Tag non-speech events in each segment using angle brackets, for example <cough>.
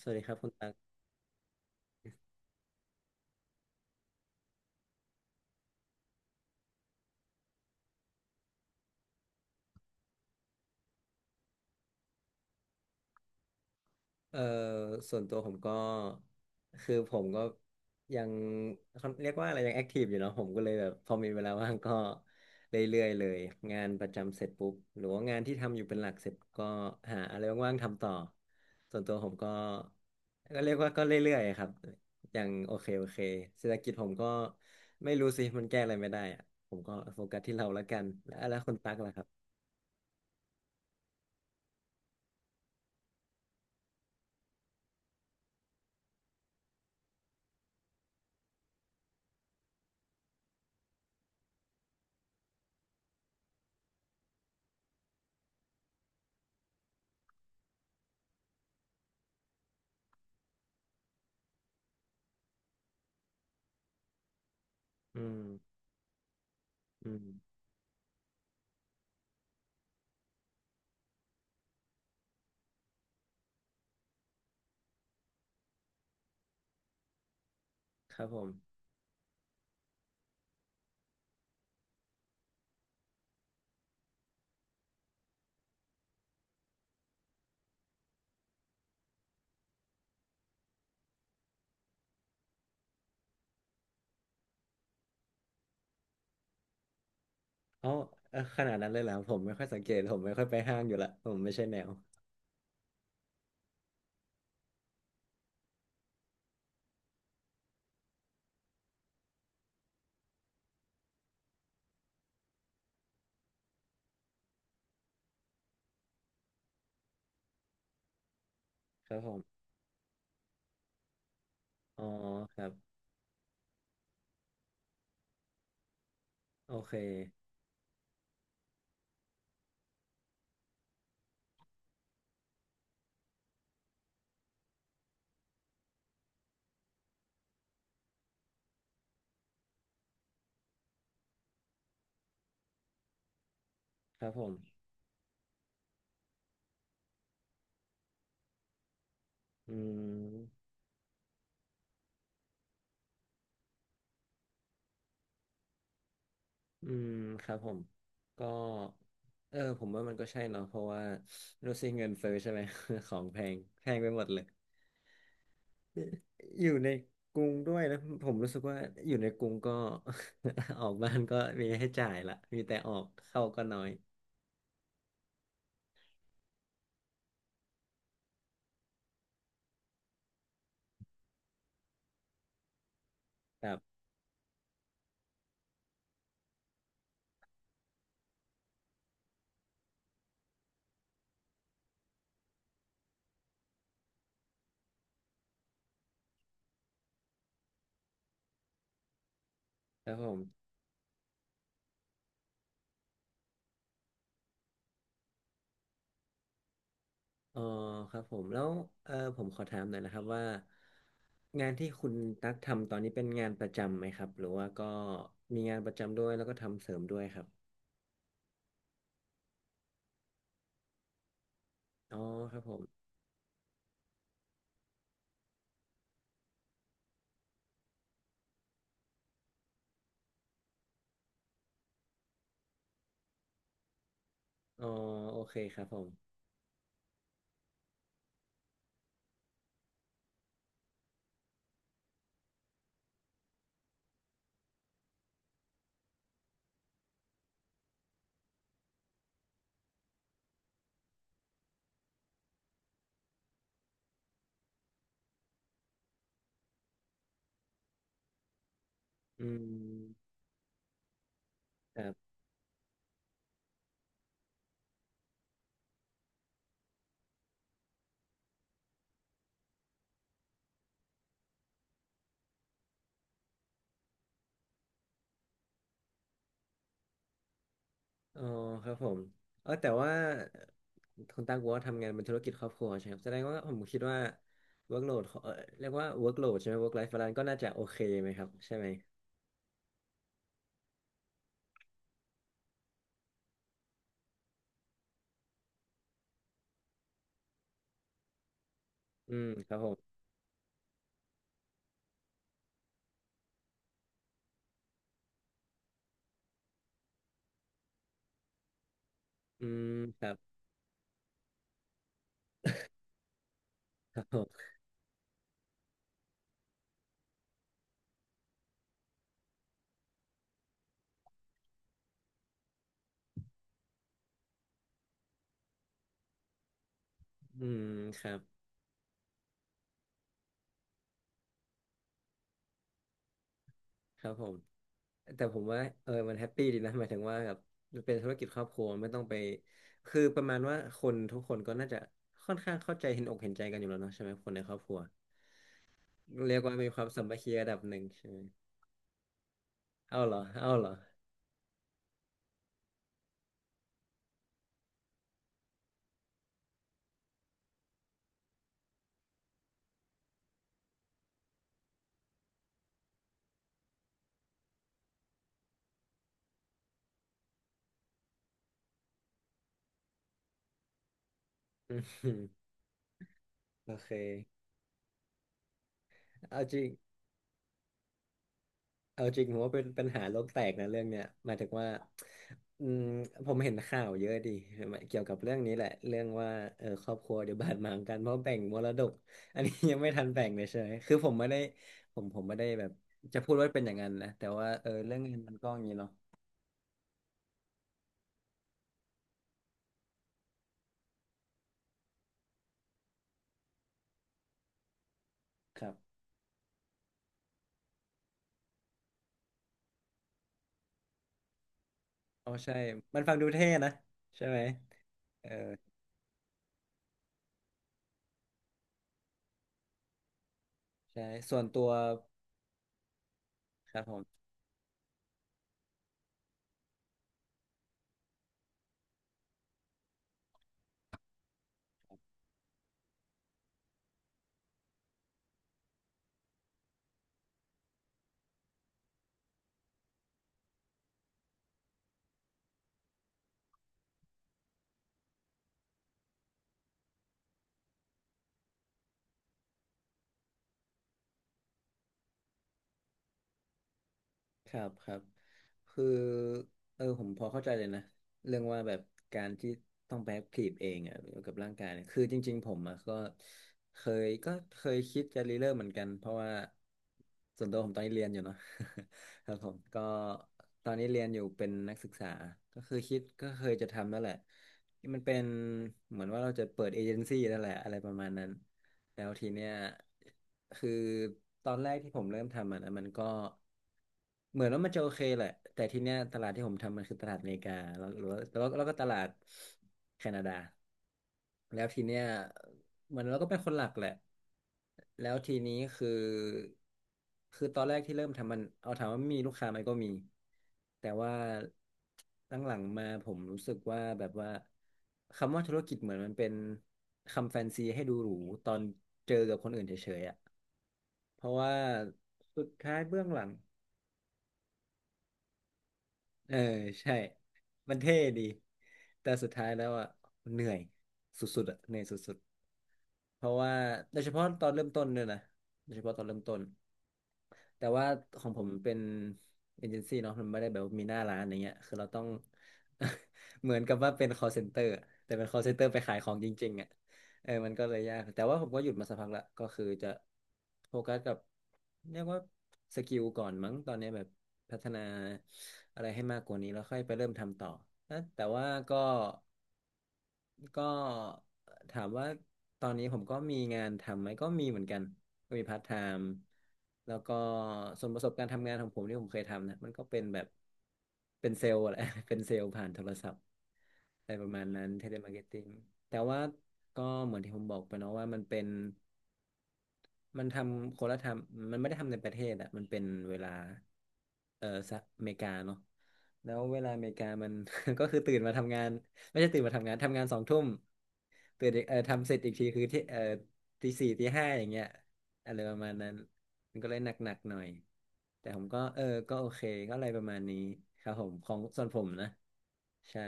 สวัสดีครับคุณตักเอ่อส่วนตัวผมก็คือผมก็ยังเขาเรียกว่าอะไรยังแอคทีฟอยู่เนาะผมก็เลยแบบพอมีเวลาว่างก็เรื่อยๆเลยงานประจำเสร็จปุ๊บหรือว่างานที่ทำอยู่เป็นหลักเสร็จก็หาอะไรว่างๆทำต่อส่วนตัวผมก็เรียกว่าก็เรื่อยๆครับอย่างโอเคโอเคเศรษฐกิจผมก็ไม่รู้สิมันแก้อะไรไม่ได้อะผมก็โฟกัสที่เราแล้วกันแล้วคุณตักล่ะครับอืมอืมครับผม เอ้าเอ้อขนาดนั้นเลยเหรอผมไม่ค่อยสังเกตผมไม่ค่อยไปห้างอยู่ละผมไม่ใช่แนวครับผมอ๋อครับโอเคครับผมอืมอืมครับผมก็ผมว่ามันก็ใช่เนาะเพราะว่ารู้สิเงินเฟ้อใช่ไหม <laughs> ของแพงแพงไปหมดเลยอยู่ในกรุงด้วยนะผมรู้สึกว่าอยู่ในกรุงก็ <laughs> ออกบ้านก็มีให้จ่ายละมีแต่ออกเข้าก็น้อยครับครับผม อ๋อครับผมแล้วผมขอถามหน่อยนะครับว่างานที่คุณตั๊กทำตอนนี้เป็นงานประจำไหมครับหรือว่าก็มีงานประจำด้วยแล้วก็ทำเสริมด้วยครับอ๋อครับผมอ๋อโอเคครับผมอืมครับอ๋อครับผมแต่ว่าคุณตั๊กบอกว่าทำงานเป็นธุรกิจครอบครัวใช่ไหมครับแสดงว่าผมคิดว่า workload เรียกว่า workload ใช่ไหม work life balance ก็น่าจะโอเคไหมครับใช่ไหมอืมครับผมอืมครับครับผมอืมครับครับผม แต่ผมว่ามันแฮปปี้ดีนะหมายถึงว่าแบบมันเป็นธุรกิจครอบครัวไม่ต้องไปคือประมาณว่าคนทุกคนก็น่าจะค่อนข้างเข้าใจเห็นอกเห็นใจกันอยู่แล้วเนาะใช่ไหมคนในครอบครัวเรียกว่ามีความสามัคคีระดับหนึ่งใช่ไหมเอาเหรอเอาเหรออืม <laughs> โอเคเอาจริง เอาจริงผมว่าเป็นปัญหาโลกแตกนะเรื่องเนี้ยหมายถึงว่าอืมผมเห็นข่าวเยอะดิเกี่ยวกับเรื่องนี้แหละเรื่องว่าครอบครัวเดี๋ยวบาดหมางกันเพราะแบ่งมรดกอันนี้ยังไม่ทันแบ่งเลยเฉยคือผมไม่ได้ผมไม่ได้แบบจะพูดว่าเป็นอย่างนั้นนะแต่ว่าเรื่องเงินมันก็อย่างนี้เนาะครับอ๋อใช่มันฟังดูเท่นะใช่ไหมเออใช่ส่วนตัวครับผม ครับครับคือผมพอเข้าใจเลยนะเรื่องว่าแบบการที่ต้องไปแอคทีฟเองอ่ะเกี่ยวกับร่างกายเนี่ยคือจริงๆผมอ่ะก็เคยก็เคยคิดจะรีเริ่มเหมือนกันเพราะว่าส่วนตัวผมตอนนี้เรียนอยู่เนาะ <laughs> ครับผมก็ตอนนี้เรียนอยู่เป็นนักศึกษาก็คือคิดก็เคยจะทำนั่นแหละมันเป็นเหมือนว่าเราจะเปิดเอเจนซี่นั่นแหละอะไรประมาณนั้น แล้วทีเนี้ยคือตอนแรกที่ผมเริ่มทำมันมันก็เหมือนว่ามันจะโอเคแหละแต่ทีเนี้ยตลาดที่ผมทำมันคือตลาดอเมริกาแล้วก็ตลาดแคนาดาแล้วทีเนี้ย เหมือนเราก็เป็นคนหลักแหละ แล้วทีนี้คือ คือตอนแรกที่เริ่มทำมัน เอาถามว่ามีลูกค้าไหมก็มี แต่ว่าตั้งหลังๆมาผมรู้สึกว่าแบบว่า คำว่าธุรกิจเหมือนมันเป็นคำแฟนซีให้ดูหรูตอนเจอกับคนอื่นเฉยๆอ่ะเพราะว่าสุดท้ายเบื้องหลัง เออใช่มันเท่ดีแต่สุดท้ายแล้วอ่ะเหนื่อยสุดๆอ่ะเหนื่อยสุดๆเพราะว่าโดยเฉพาะตอนเริ่มต้นด้วยนะโดยเฉพาะตอนเริ่มต้นแต่ว่าของผมมันเป็นเอเจนซี่เนาะมันไม่ได้แบบว่ามีหน้าร้านอย่างเงี้ยคือเราต้อง <laughs> เหมือนกับว่าเป็น call center อะแต่เป็น call center ไปขายของจริงๆอ่ะ มันก็เลยยากแต่ว่าผมก็หยุดมาสักพักละก็คือจะโฟกัสกับเรียกว่าสกิลก่อนมั้งตอนนี้แบบพัฒนาอะไรให้มากกว่านี้แล้วค่อยไปเริ่มทำต่อนะแต่ว่าก็ก็ถามว่าตอนนี้ผมก็มีงานทำไหมก็มีเหมือนกัน ก็มีพาร์ทไทม์แล้วก็ส่วนประสบการณ์ทำงานของผมที่ผมเคยทำนะมันก็เป็นแบบเป็นเซลล์แหละ <laughs> เป็นเซลล์ผ่านโทรศัพท์ อะไรประมาณนั้นเทเลมาร์เก็ตติ้งแต่ว่าก็เหมือนที่ผมบอกไปเนาะว่ามันเป็นมันทำคนละทำมันไม่ได้ทำในประเทศอะมันเป็นเวลาสหรัฐอเมริกาเนาะแล้วเวลาอเมริกามัน <laughs> ก็คือตื่นมาทำงานไม่ใช่ตื่นมาทำงานทำงาน2 ทุ่มตื่นอีกทำเสร็จอีกทีคือที่ตี 4 ตี 5อย่างเงี้ยอะไรประมาณนั้นมันก็เลยหนักๆหน่อยแต่ผมก็ก็โอเคก็อะไรประมาณนี้ครับผมของส่วนผมนะใช่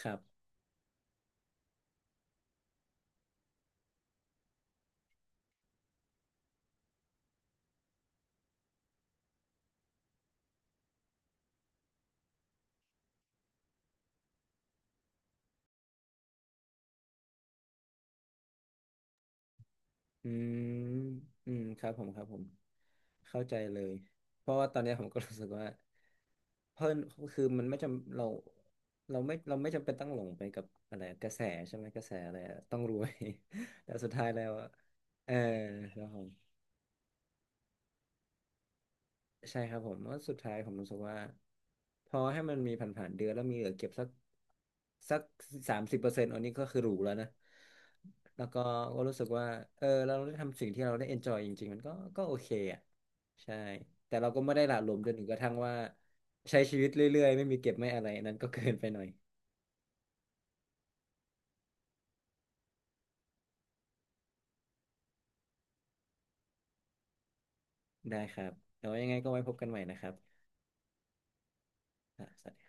ครับ อืมอืมครับผมครับผม เข้าใจเลย เพราะว่าตอนเนี้ยผมก็รู้สึกว่าเพิ่นคือมันไม่จำเราเราไม่จำเป็นต้องหลงไปกับอะไรกระแสใช่ไหมกระแสอะไรอะต้องรวย <laughs> แต่สุดท้ายแล้วอะเออครับผม ใช่ครับผมว่าะสุดท้ายผมรู้สึกว่าพอให้มันมีผ่านๆเดือนแล้วมีเหลือเก็บสักสัก30%อันนี้ก็คือหรูแล้วนะแล้วก็ก็รู้สึกว่าเราได้ทำสิ่งที่เราได้เอนจอยจริงๆมันก็ก็โอเคอ่ะใช่แต่เราก็ไม่ได้หละหลวมจนถึงกระทั่งว่าใช้ชีวิตเรื่อยๆไม่มีเก็บไม่อะไรอันนั้นก็เกินไปหน่อยได้ครับแล้วยังไงก็ไว้พบกันใหม่นะครับอ่ะสวัสดี